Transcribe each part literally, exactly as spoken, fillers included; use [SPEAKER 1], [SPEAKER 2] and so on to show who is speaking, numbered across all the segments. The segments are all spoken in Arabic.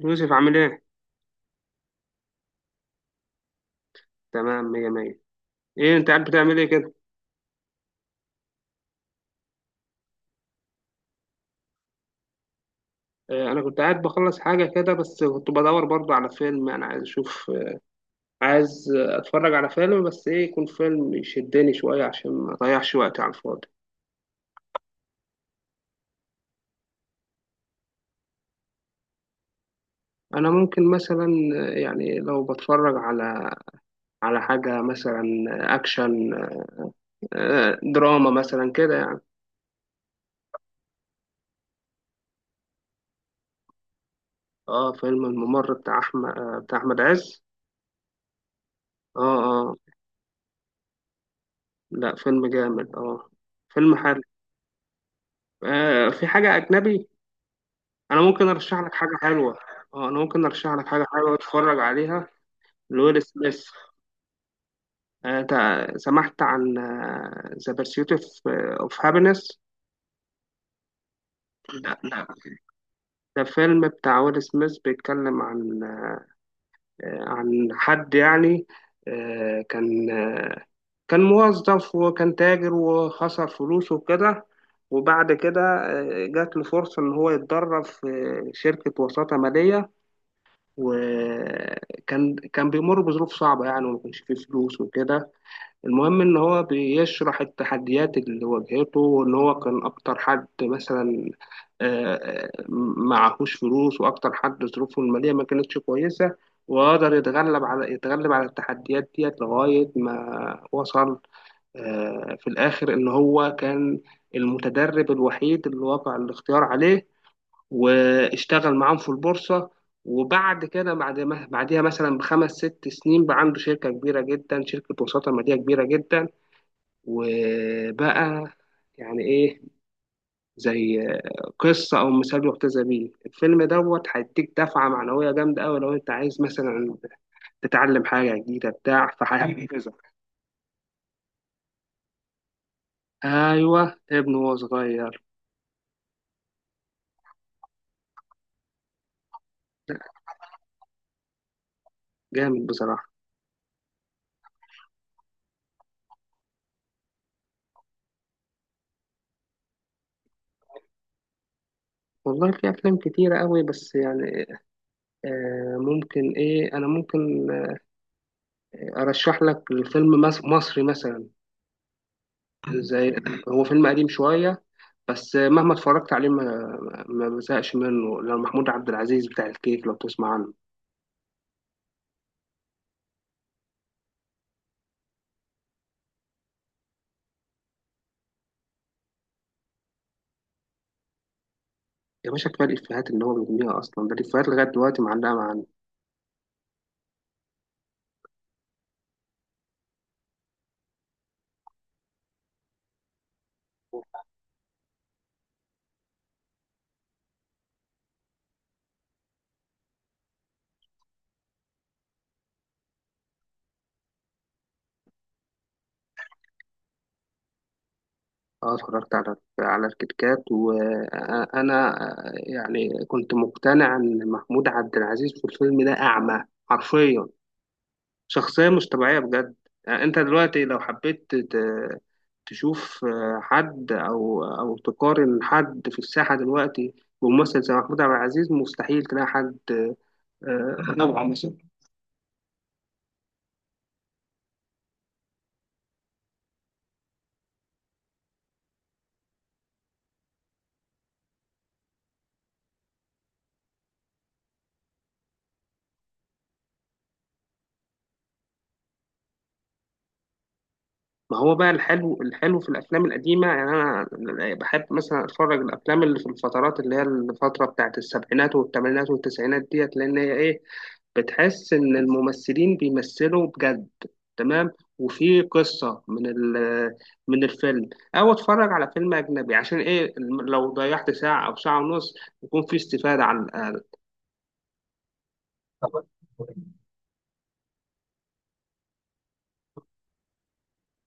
[SPEAKER 1] يوسف عامل ايه؟ تمام، مية مية. ايه، انت قاعد بتعمل ايه كده؟ اه، انا كنت قاعد بخلص حاجة كده، بس كنت بدور برضو على فيلم انا عايز اشوف. آه، عايز آه، اتفرج على فيلم، بس ايه يكون فيلم يشدني شوية عشان ما اضيعش وقتي على الفاضي. انا ممكن مثلا آه، يعني لو بتفرج على على حاجة مثلا، آه، اكشن، آه، دراما مثلا كده يعني. اه، فيلم الممر بتاع احمد آه، بتاع احمد عز. اه، اه. لا، فيلم جامد، اه. فيلم حلو. آه في حاجة أجنبي؟ انا ممكن ارشح لك حاجه حلوه. اه، انا ممكن ارشح لك حاجه حلوه اتفرج عليها. لويل سميث. آه، تع- سمعت عن ذا بيرسيوت اوف هابينس. لا، لا. ده فيلم بتاع ويل سميث بيتكلم عن آه، عن حد يعني، آه، كان آه، كان موظف وكان تاجر وخسر فلوسه وكده. وبعد كده آه، جات له فرصة إن هو يتدرب في شركة وساطة مالية. وكان كان بيمر بظروف صعبة يعني، وما كانش فيه فلوس وكده. المهم إن هو بيشرح التحديات اللي واجهته وإن هو كان أكتر حد مثلا آه، آه، معهوش فلوس، وأكتر حد ظروفه المالية ما كانتش كويسة، وقدر يتغلب على يتغلب على التحديات ديت لغاية ما وصل آه، في الآخر إن هو كان المتدرب الوحيد اللي وقع الاختيار عليه، واشتغل معاهم في البورصة. وبعد كده، بعد ما بعديها مثلا بخمس ست سنين، بقى عنده شركة كبيرة جدا، شركة وساطة مالية كبيرة جدا. وبقى يعني ايه، زي قصة أو مثال يحتذى بيه. الفيلم دوت هيديك دفعة معنوية جامدة أوي لو أنت عايز مثلا تتعلم حاجة جديدة بتاع، فهيحفزك. أيوه، ابنه وهو صغير. جامد بصراحة. والله في أفلام كتيرة أوي، بس يعني آه ممكن إيه أنا ممكن ارشح لك فيلم مس- مصري مثلا. زي، هو فيلم قديم شويه، بس مهما اتفرجت عليه ما ما بزهقش منه. لو محمود عبد العزيز بتاع الكيف، لو تسمع عنه. يا باشا كفايه الافيهات اللي هو بيرميها، اصلا ده الافيهات لغايه دلوقتي معلقه معانا. اه، اتفرجت على على الكتكات، وانا يعني كنت مقتنع ان محمود عبد العزيز في الفيلم ده اعمى، حرفيا. شخصية مش طبيعية بجد. يعني انت دلوقتي لو حبيت ت- تشوف آه، حد او او تقارن حد في الساحة دلوقتي بممثل زي محمود عبد العزيز، مستحيل تلاقي حد آه، نوعه مثلا. ما هو بقى، الحلو، الحلو في الافلام القديمة، يعني انا بحب مثلا اتفرج الافلام اللي في الفترات اللي هي الفترة بتاعت السبعينات والثمانينات والتسعينات ديت، لان هي ايه، بتحس ان الممثلين بيمثلوا بجد. تمام. وفي قصة من ال- من الفيلم. او اتفرج على فيلم اجنبي عشان ايه الم- لو ضيعت ساعة او ساعة ونص، يكون في استفادة على الاقل.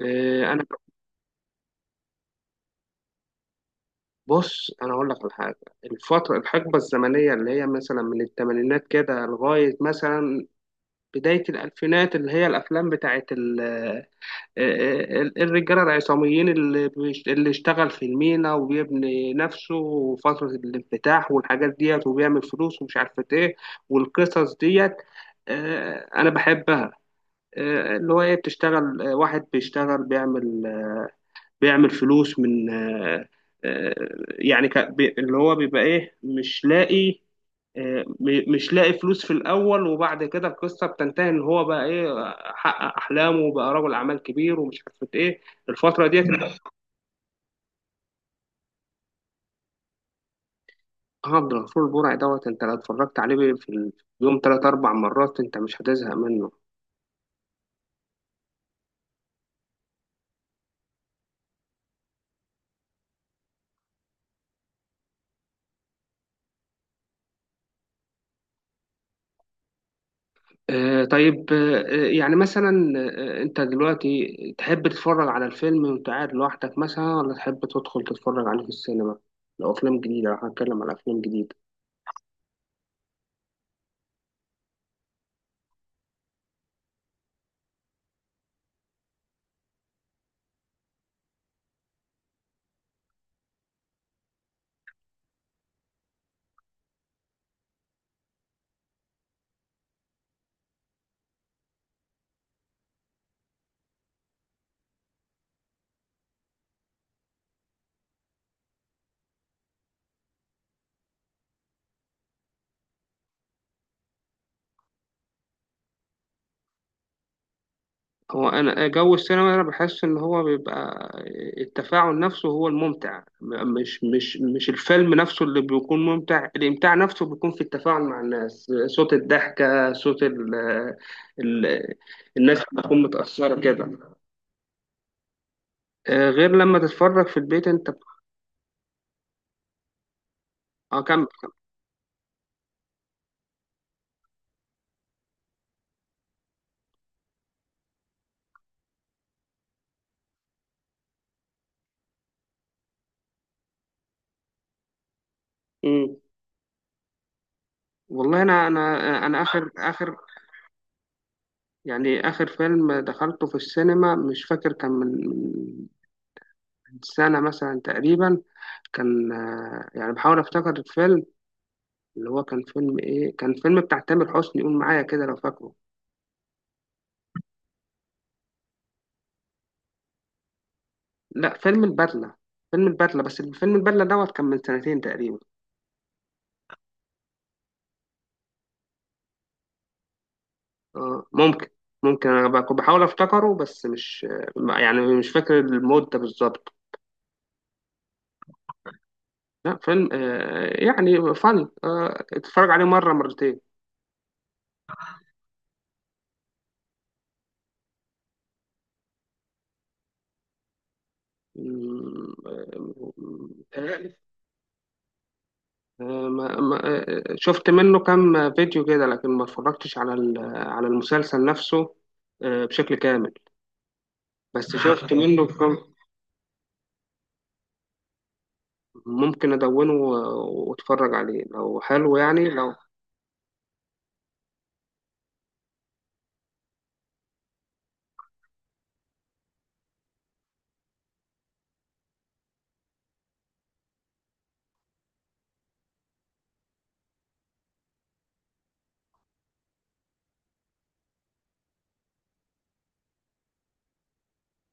[SPEAKER 1] إيه، انا، بص انا اقول لك على حاجة. الفترة الحقبة الزمنية اللي هي مثلا من الثمانينات كده لغاية مثلا بداية الألفينات، اللي هي الأفلام بتاعت الرجاله العصاميين، اللي بيش- اللي اشتغل في المينا وبيبني نفسه وفتره الانفتاح والحاجات ديت، وبيعمل فلوس، ومش عارفه ايه، والقصص ديت. آه، انا بحبها. آه، اللي هو ايه بتشتغل آه، واحد بيشتغل بيعمل بيعمل فلوس من آه، آه، يعني ك- بي- اللي هو بيبقى ايه، مش لاقي آه، م- مش لاقي فلوس في الاول، وبعد كده القصه بتنتهي ان هو بقى ايه، حقق احلامه وبقى رجل اعمال كبير ومش عارف ايه. الفتره ديت انت. عبد الغفور البرعي دوت، انت لو اتفرجت عليه في اليوم ثلاث اربع مرات، انت مش هتزهق منه. آه، طيب، آه، آه، يعني مثلا آه، انت دلوقتي تحب تتفرج على الفيلم وانت قاعد لوحدك مثلا، ولا تحب تدخل تتفرج عليه في السينما؟ لو افلام جديده، لو هنتكلم على افلام جديده. هو انا آه، جو السينما انا بحس ان هو بيبقى آه، التفاعل نفسه هو الممتع. مش مش مش الفيلم نفسه اللي بيكون ممتع، الامتاع نفسه بيكون في التفاعل مع الناس، صوت الضحكه، صوت ال آه، ال الناس بتكون متاثره كده. آه، غير لما تتفرج في البيت انت. بت- اه، كمل. مم. والله، انا انا انا اخر اخر يعني اخر فيلم دخلته في السينما، مش فاكر كان من من سنة مثلا تقريبا. كان آه، يعني بحاول افتكر الفيلم. اللي هو كان فيلم ايه كان فيلم بتاع تامر حسني، قول معايا كده لو فاكره. لا، فيلم البدلة، فيلم البدلة. بس فيلم البدلة دوت كان من سنتين تقريبا. اه، ممكن، ممكن انا بقى- كنت بحاول افتكره، بس مش آه، يعني مش فاكر المدة بالظبط. لا، فيلم آه، يعني فن، آه، اتفرج عليه مرة مرتين. مم، متهيألي. آه، ما ما آه، شفت منه كام فيديو كده، لكن ما اتفرجتش على ال- على المسلسل نفسه آه، بشكل كامل. بس شفت منه كام. ممكن ادونه و- واتفرج عليه لو حلو يعني، لو.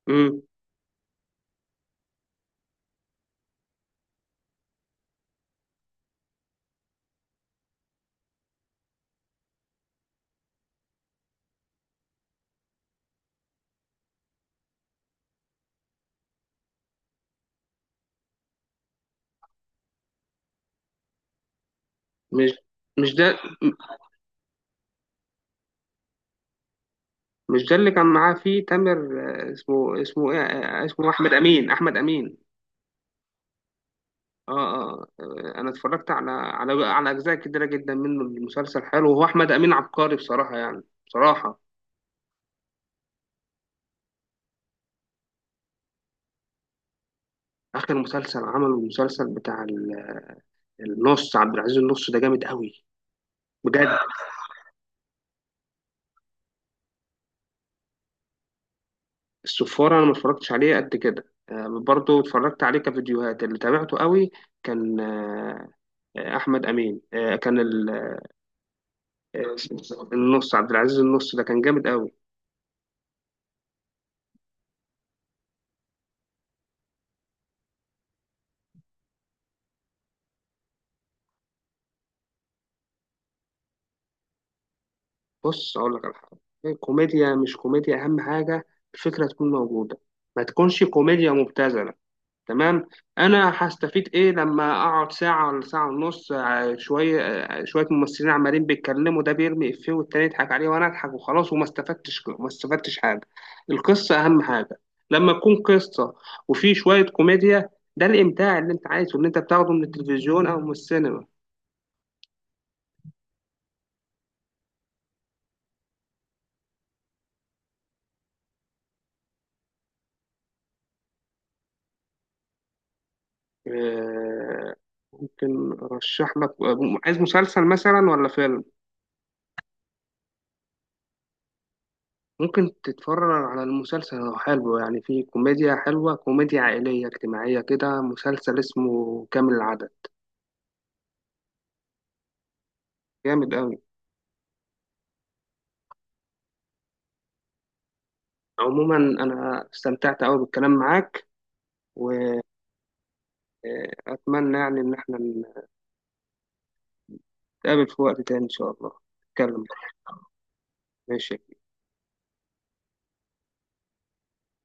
[SPEAKER 1] مم. مش مش ده مش ده اللي كان معاه فيه تامر. آه، اسمه اسمه ايه؟ آه، اسمه احمد امين، احمد امين. آه, آه, اه، انا اتفرجت على على على اجزاء كتيره جدا منه. المسلسل حلو، وهو احمد امين عبقري بصراحه، يعني بصراحه. اخر مسلسل عمله المسلسل بتاع ال- النص عبد العزيز، النص ده جامد قوي. بجد. السفاره انا ما اتفرجتش عليه قد كده، آه، برضه اتفرجت عليه كفيديوهات، اللي تابعته قوي. كان، آه آه، احمد امين. آه كان ال- آه، النص عبد العزيز، النص ده كان جامد قوي. بص اقول لك على حاجه، كوميديا مش كوميديا اهم حاجه، الفكره تكون موجوده. ما تكونش كوميديا مبتذله. تمام. انا هستفيد ايه لما اقعد ساعه ولا ساعه ونص ع- شويه آه، شويه ممثلين عمالين بيتكلموا، ده بيرمي افيه والتاني يضحك عليه وانا اضحك وخلاص، وما استفدتش، ما استفدتش حاجه. القصه اهم حاجه. لما تكون قصه وفي شويه كوميديا، ده الامتاع اللي انت عايزه، اللي انت بتاخده من التلفزيون او من السينما. آه، ممكن ارشح لك. عايز مسلسل مثلا ولا فيلم؟ ممكن تتفرج على المسلسل، هو حلو يعني، في كوميديا حلوة، كوميديا عائلية اجتماعية كده، مسلسل اسمه كامل العدد. جامد قوي. عموما انا استمتعت قوي بالكلام معاك، واتمنى يعني ان احنا نتقابل في وقت تاني ان شاء الله، نتكلم. ماشي.